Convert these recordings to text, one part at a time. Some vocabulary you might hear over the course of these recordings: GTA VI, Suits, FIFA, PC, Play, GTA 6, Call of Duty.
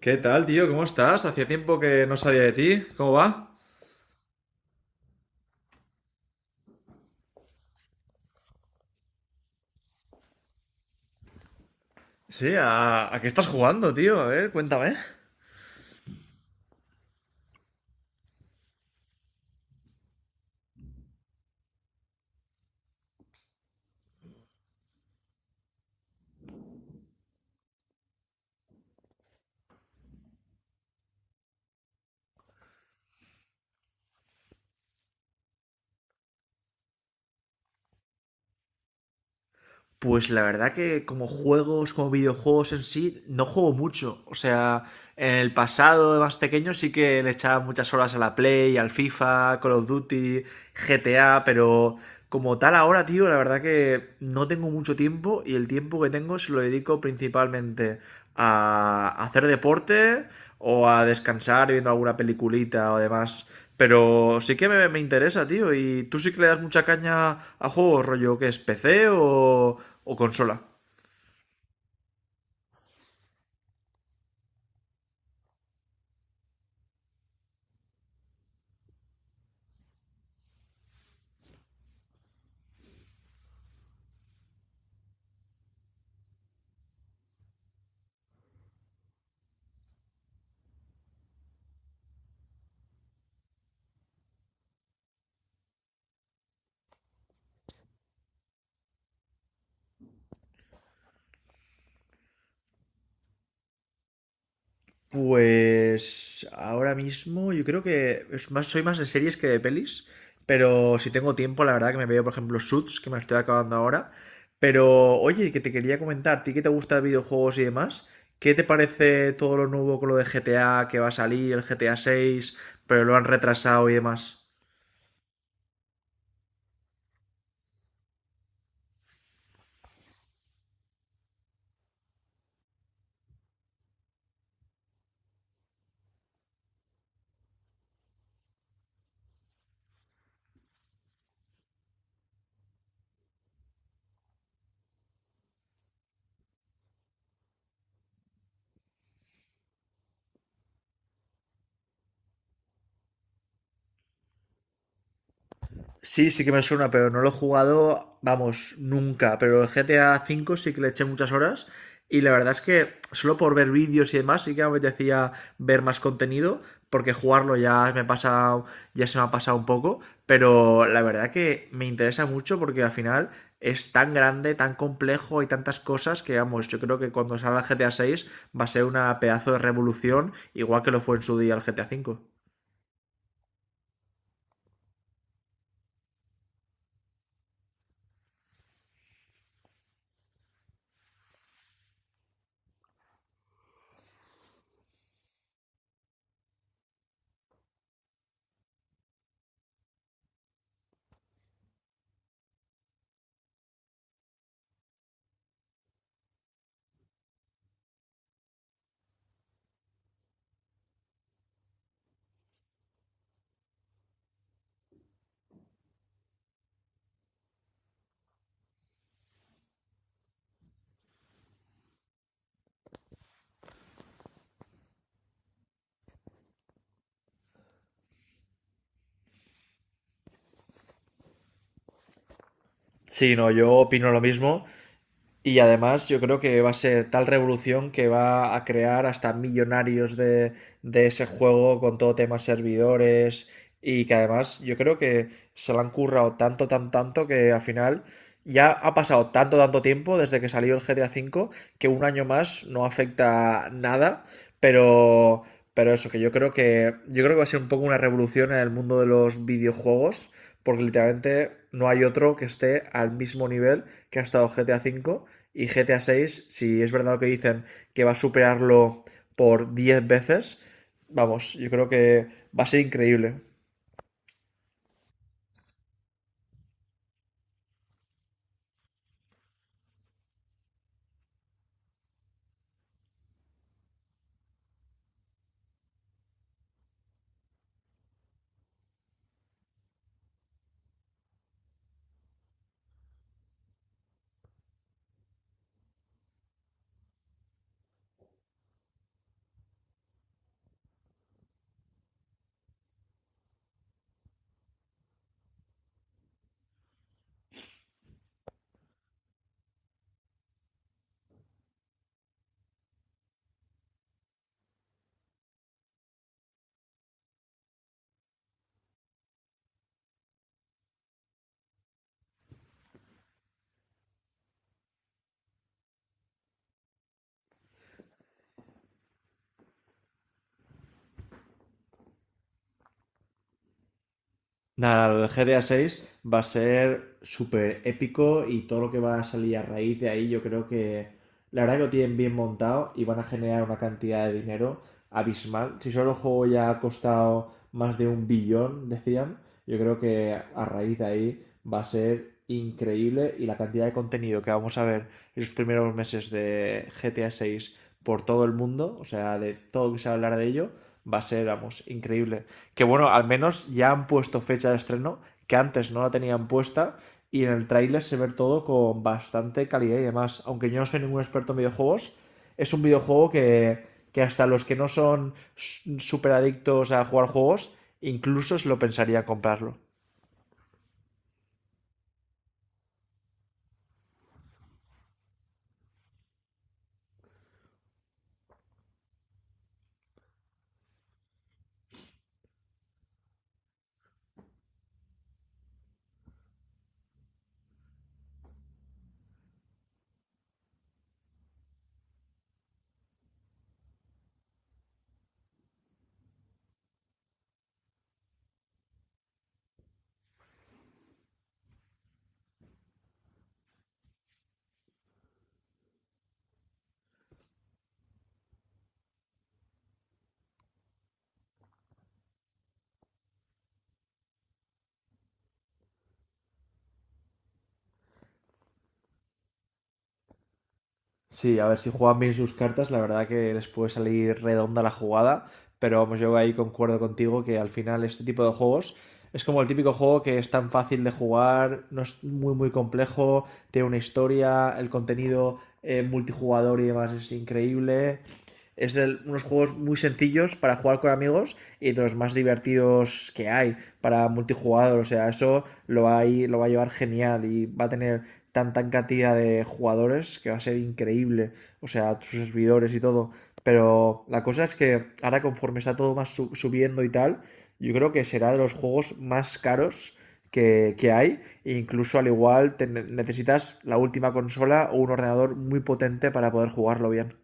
¿Qué tal, tío? ¿Cómo estás? Hacía tiempo que no sabía de ti. ¿Cómo va? Sí, ¿a qué estás jugando, tío? A ver, cuéntame. Pues la verdad que como juegos, como videojuegos en sí, no juego mucho. O sea, en el pasado de más pequeño sí que le echaba muchas horas a la Play, al FIFA, Call of Duty, GTA, pero como tal ahora, tío, la verdad que no tengo mucho tiempo y el tiempo que tengo se lo dedico principalmente a hacer deporte o a descansar viendo alguna peliculita o demás. Pero sí que me interesa, tío. ¿Y tú sí que le das mucha caña a juegos, rollo que es PC o consola? Pues ahora mismo yo creo que soy más de series que de pelis, pero si tengo tiempo, la verdad que me veo, por ejemplo, Suits, que me la estoy acabando ahora. Pero oye, que te quería comentar, ¿a ti que te gusta videojuegos y demás? ¿Qué te parece todo lo nuevo con lo de GTA que va a salir, el GTA 6, pero lo han retrasado y demás? Sí, sí que me suena, pero no lo he jugado, vamos, nunca. Pero el GTA 5 sí que le eché muchas horas. Y la verdad es que solo por ver vídeos y demás sí que me apetecía ver más contenido, porque jugarlo ya me pasa, ya se me ha pasado un poco. Pero la verdad que me interesa mucho porque al final es tan grande, tan complejo y tantas cosas que, vamos, yo creo que cuando salga el GTA 6 va a ser una pedazo de revolución, igual que lo fue en su día el GTA 5. Sí, no, yo opino lo mismo. Y además yo creo que va a ser tal revolución que va a crear hasta millonarios de ese juego con todo tema servidores y que además yo creo que se lo han currado tanto, tanto que al final ya ha pasado tanto, tanto tiempo desde que salió el GTA 5 que un año más no afecta nada, pero, pero eso, que yo creo que va a ser un poco una revolución en el mundo de los videojuegos porque literalmente no hay otro que esté al mismo nivel que ha estado GTA 5 y GTA 6, si es verdad lo que dicen que va a superarlo por 10 veces, vamos, yo creo que va a ser increíble. Nada, el GTA 6 va a ser súper épico y todo lo que va a salir a raíz de ahí, yo creo que la verdad que lo tienen bien montado y van a generar una cantidad de dinero abismal. Si solo el juego ya ha costado más de 1 billón, decían, yo creo que a raíz de ahí va a ser increíble y la cantidad de contenido que vamos a ver en los primeros meses de GTA 6 por todo el mundo, o sea, de todo lo que se va a hablar de ello, va a ser, vamos, increíble que bueno, al menos ya han puesto fecha de estreno, que antes no la tenían puesta, y en el tráiler se ve todo con bastante calidad y demás. Aunque yo no soy ningún experto en videojuegos, es un videojuego que hasta los que no son súper adictos a jugar juegos, incluso se lo pensaría comprarlo. Sí, a ver, si juegan bien sus cartas, la verdad que les puede salir redonda la jugada, pero vamos, yo ahí concuerdo contigo que al final este tipo de juegos es como el típico juego que es tan fácil de jugar, no es muy muy complejo, tiene una historia, el contenido multijugador y demás es increíble. Es de unos juegos muy sencillos para jugar con amigos y de los más divertidos que hay para multijugador. O sea, eso lo va a llevar genial y va a tener tanta cantidad de jugadores que va a ser increíble, o sea, sus servidores y todo. Pero la cosa es que ahora conforme está todo más subiendo y tal, yo creo que será de los juegos más caros que hay. E incluso al igual te necesitas la última consola o un ordenador muy potente para poder jugarlo bien.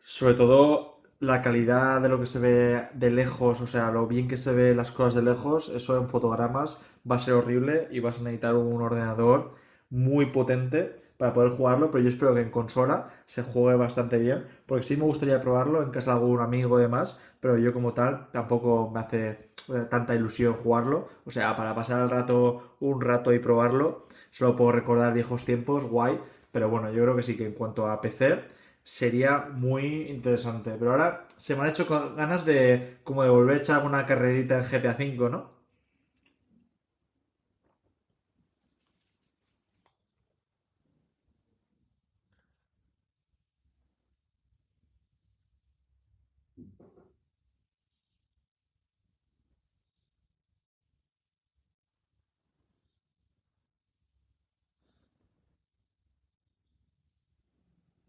Sobre todo la calidad de lo que se ve de lejos, o sea, lo bien que se ve las cosas de lejos, eso en fotogramas va a ser horrible y vas a necesitar un ordenador muy potente para poder jugarlo, pero yo espero que en consola se juegue bastante bien, porque sí me gustaría probarlo en casa de algún amigo y demás, pero yo como tal tampoco me hace tanta ilusión jugarlo, o sea, para pasar el rato un rato y probarlo, solo puedo recordar viejos tiempos, guay, pero bueno, yo creo que sí que en cuanto a PC, sería muy interesante. Pero ahora se me han hecho con ganas de como de volver a echar una carrerita en GTA 5, ¿no?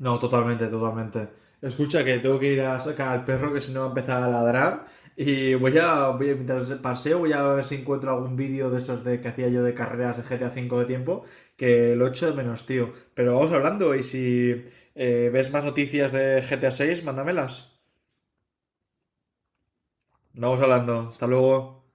No, totalmente, totalmente. Escucha que tengo que ir a sacar al perro que si no va a empezar a ladrar. Y voy a mientras paseo, voy a ver si encuentro algún vídeo de esos de que hacía yo de carreras de GTA 5 de tiempo, que lo echo de menos, tío. Pero vamos hablando y si ves más noticias de GTA 6, mándamelas. Vamos hablando. Hasta luego.